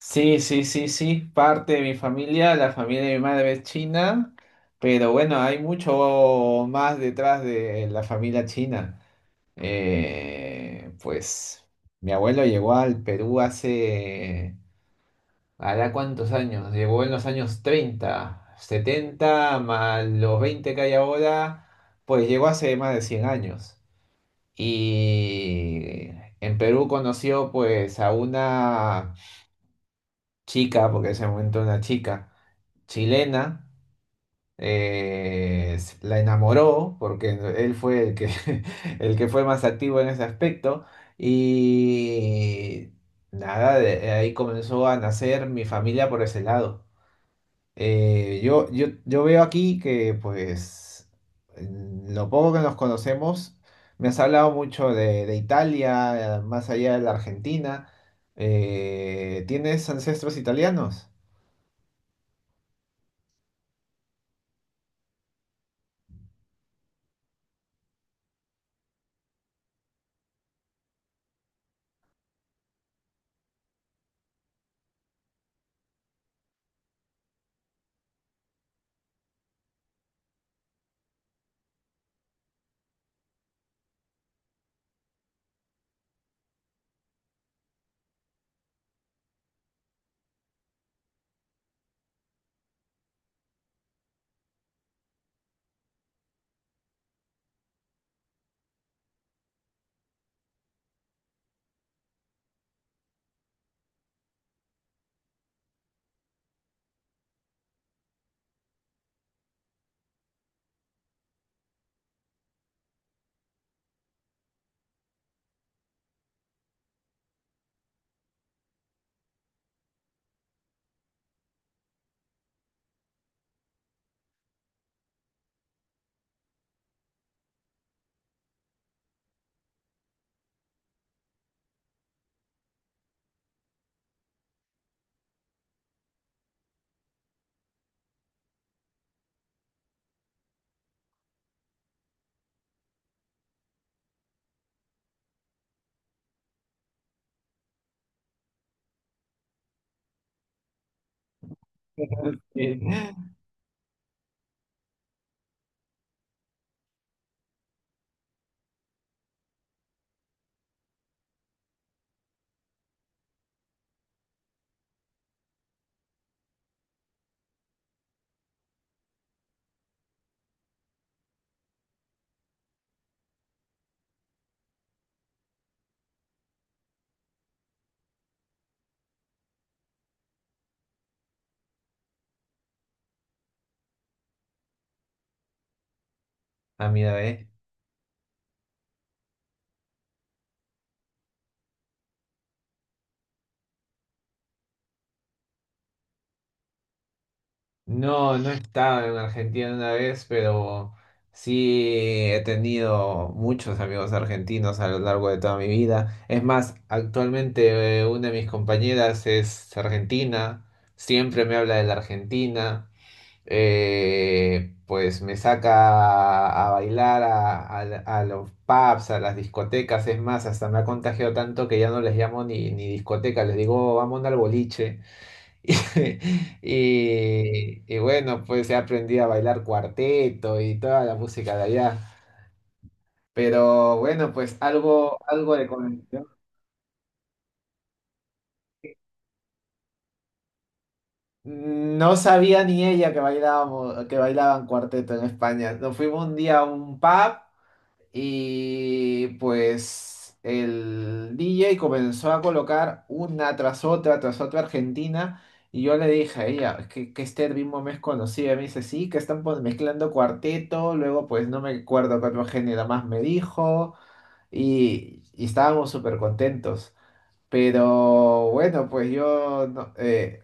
Sí, sí, sí, sí, parte de mi familia, la familia de mi madre es china, pero bueno, hay mucho más detrás de la familia china. Pues mi abuelo llegó al Perú hace, ¿hará cuántos años? Llegó en los años 30, 70, más los 20 que hay ahora, pues llegó hace más de 100 años. Y en Perú conoció pues a una chica, porque en ese momento era una chica chilena, la enamoró porque él fue el que, el que fue más activo en ese aspecto y nada, de ahí comenzó a nacer mi familia por ese lado. Yo veo aquí que pues en lo poco que nos conocemos, me has hablado mucho de Italia, más allá de la Argentina. ¿Tienes ancestros italianos? Sí. Ah, mira, ve. No, no he estado en Argentina una vez, pero sí he tenido muchos amigos argentinos a lo largo de toda mi vida. Es más, actualmente una de mis compañeras es argentina, siempre me habla de la Argentina, pues me saca a bailar a a los pubs, a las discotecas. Es más, hasta me ha contagiado tanto que ya no les llamo ni discoteca, les digo, "Oh, vamos al boliche." Y, bueno, pues he aprendido a bailar cuarteto y toda la música de allá. Pero bueno, pues algo de conexión. No sabía ni ella que bailábamos, que bailaban cuarteto en España. Nos fuimos un día a un pub. Y pues el DJ comenzó a colocar una tras otra Argentina. Y yo le dije a ella, "Es que este ritmo me es conocido." Y me dice, sí, que están mezclando cuarteto. Luego, pues no me acuerdo qué otro género más me dijo. Y estábamos súper contentos. Pero bueno, pues yo no-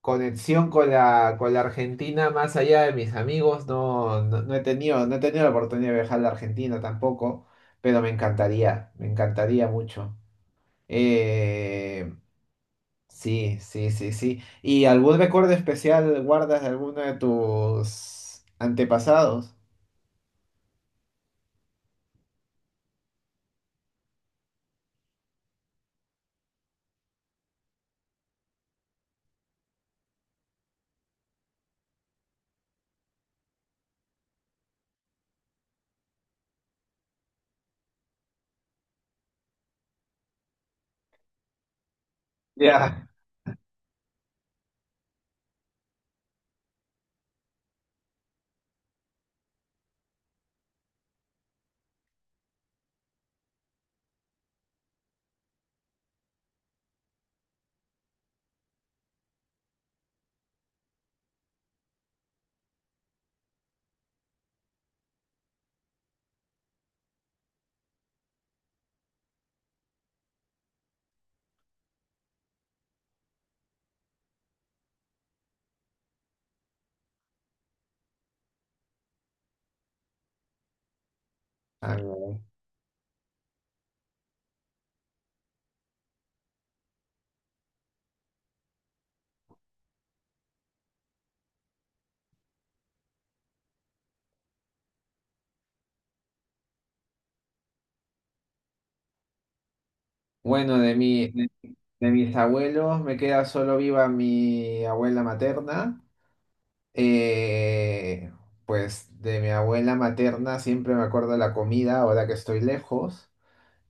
conexión con la Argentina, más allá de mis amigos, no, no, no he tenido, la oportunidad de viajar a la Argentina tampoco, pero me encantaría mucho. Eh, sí, sí, sí, sí. ¿Y algún recuerdo especial guardas de alguno de tus antepasados? Ya. Ah, bueno, de mis abuelos me queda solo viva mi abuela materna. Eh, pues de mi abuela materna siempre me acuerdo de la comida ahora que estoy lejos.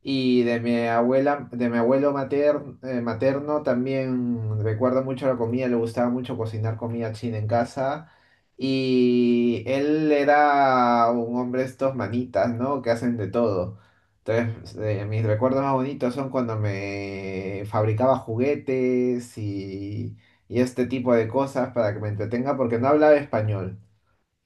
Y de mi abuela, de mi abuelo materno, también recuerdo mucho la comida, le gustaba mucho cocinar comida china en casa. Y él era un hombre de estos manitas, ¿no? Que hacen de todo. Entonces, mis recuerdos más bonitos son cuando me fabricaba juguetes y este tipo de cosas para que me entretenga porque no hablaba español,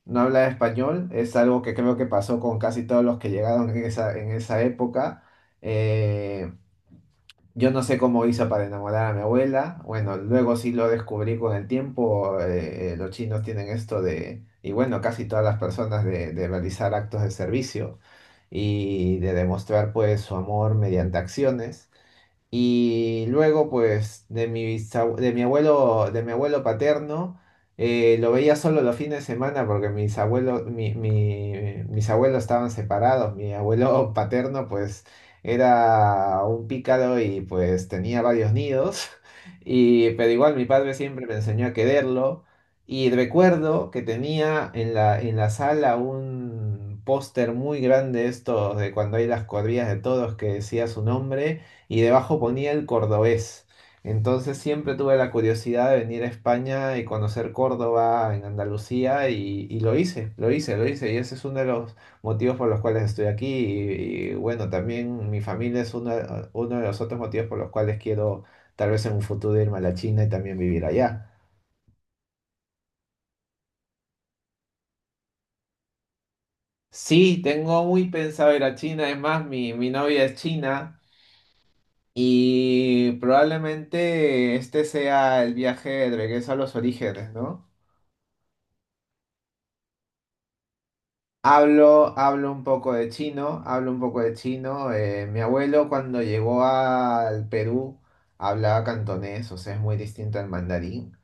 no habla español, es algo que creo que pasó con casi todos los que llegaron en esa época. Eh, yo no sé cómo hizo para enamorar a mi abuela, bueno, luego sí lo descubrí con el tiempo, los chinos tienen esto de, y bueno, casi todas las personas de realizar actos de servicio y de demostrar pues su amor mediante acciones. Y luego, pues, de mi, bisab- de mi abuelo paterno, lo veía solo los fines de semana porque mis abuelos estaban separados. Mi abuelo paterno, pues, era un pícaro y pues tenía varios nidos. Y, pero igual mi padre siempre me enseñó a quererlo. Y recuerdo que tenía en la sala un póster muy grande, estos de cuando hay las cuadrillas de todos que decía su nombre y debajo ponía el cordobés. Entonces siempre tuve la curiosidad de venir a España y conocer Córdoba en Andalucía y lo hice, lo hice, lo hice. Y ese es uno de los motivos por los cuales estoy aquí. Bueno, también mi familia es uno de los otros motivos por los cuales quiero tal vez en un futuro irme a la China y también vivir allá. Sí, tengo muy pensado ir a China. Es más, mi novia es china y probablemente este sea el viaje de regreso a los orígenes, ¿no? Hablo un poco de chino, hablo un poco de chino. Mi abuelo cuando llegó al Perú hablaba cantonés, o sea, es muy distinto al mandarín.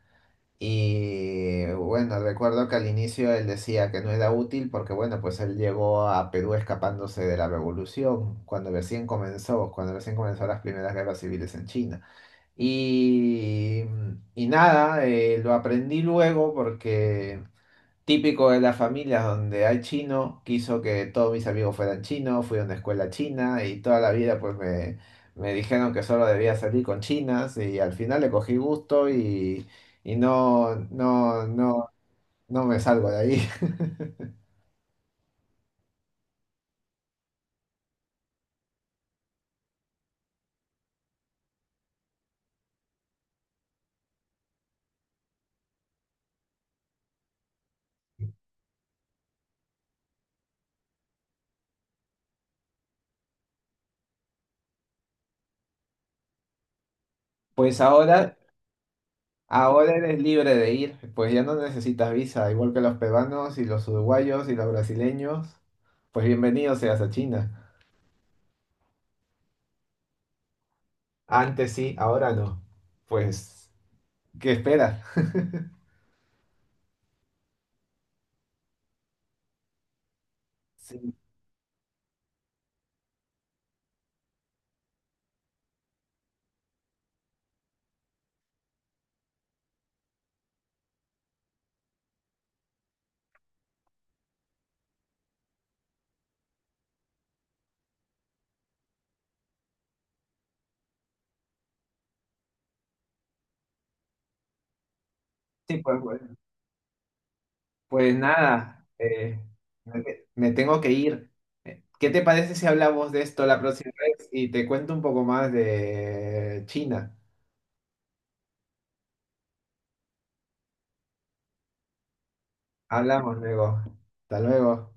Y bueno, recuerdo que al inicio él decía que no era útil porque bueno, pues él llegó a Perú escapándose de la revolución, cuando recién comenzó las primeras guerras civiles en China. Y, y nada, lo aprendí luego porque... Típico de las familias donde hay chino, quiso que todos mis amigos fueran chinos, fui a una escuela china y toda la vida pues me dijeron que solo debía salir con chinas y al final le cogí gusto y no, no, no, no me salgo de ahí. Pues ahora eres libre de ir, pues ya no necesitas visa, igual que los peruanos y los uruguayos y los brasileños, pues bienvenido seas a China. Antes sí, ahora no. Pues, ¿qué esperas? Sí, sí, pues nada, me, me tengo que ir. ¿Qué te parece si hablamos de esto la próxima vez y te cuento un poco más de China? Hablamos luego. Hasta luego.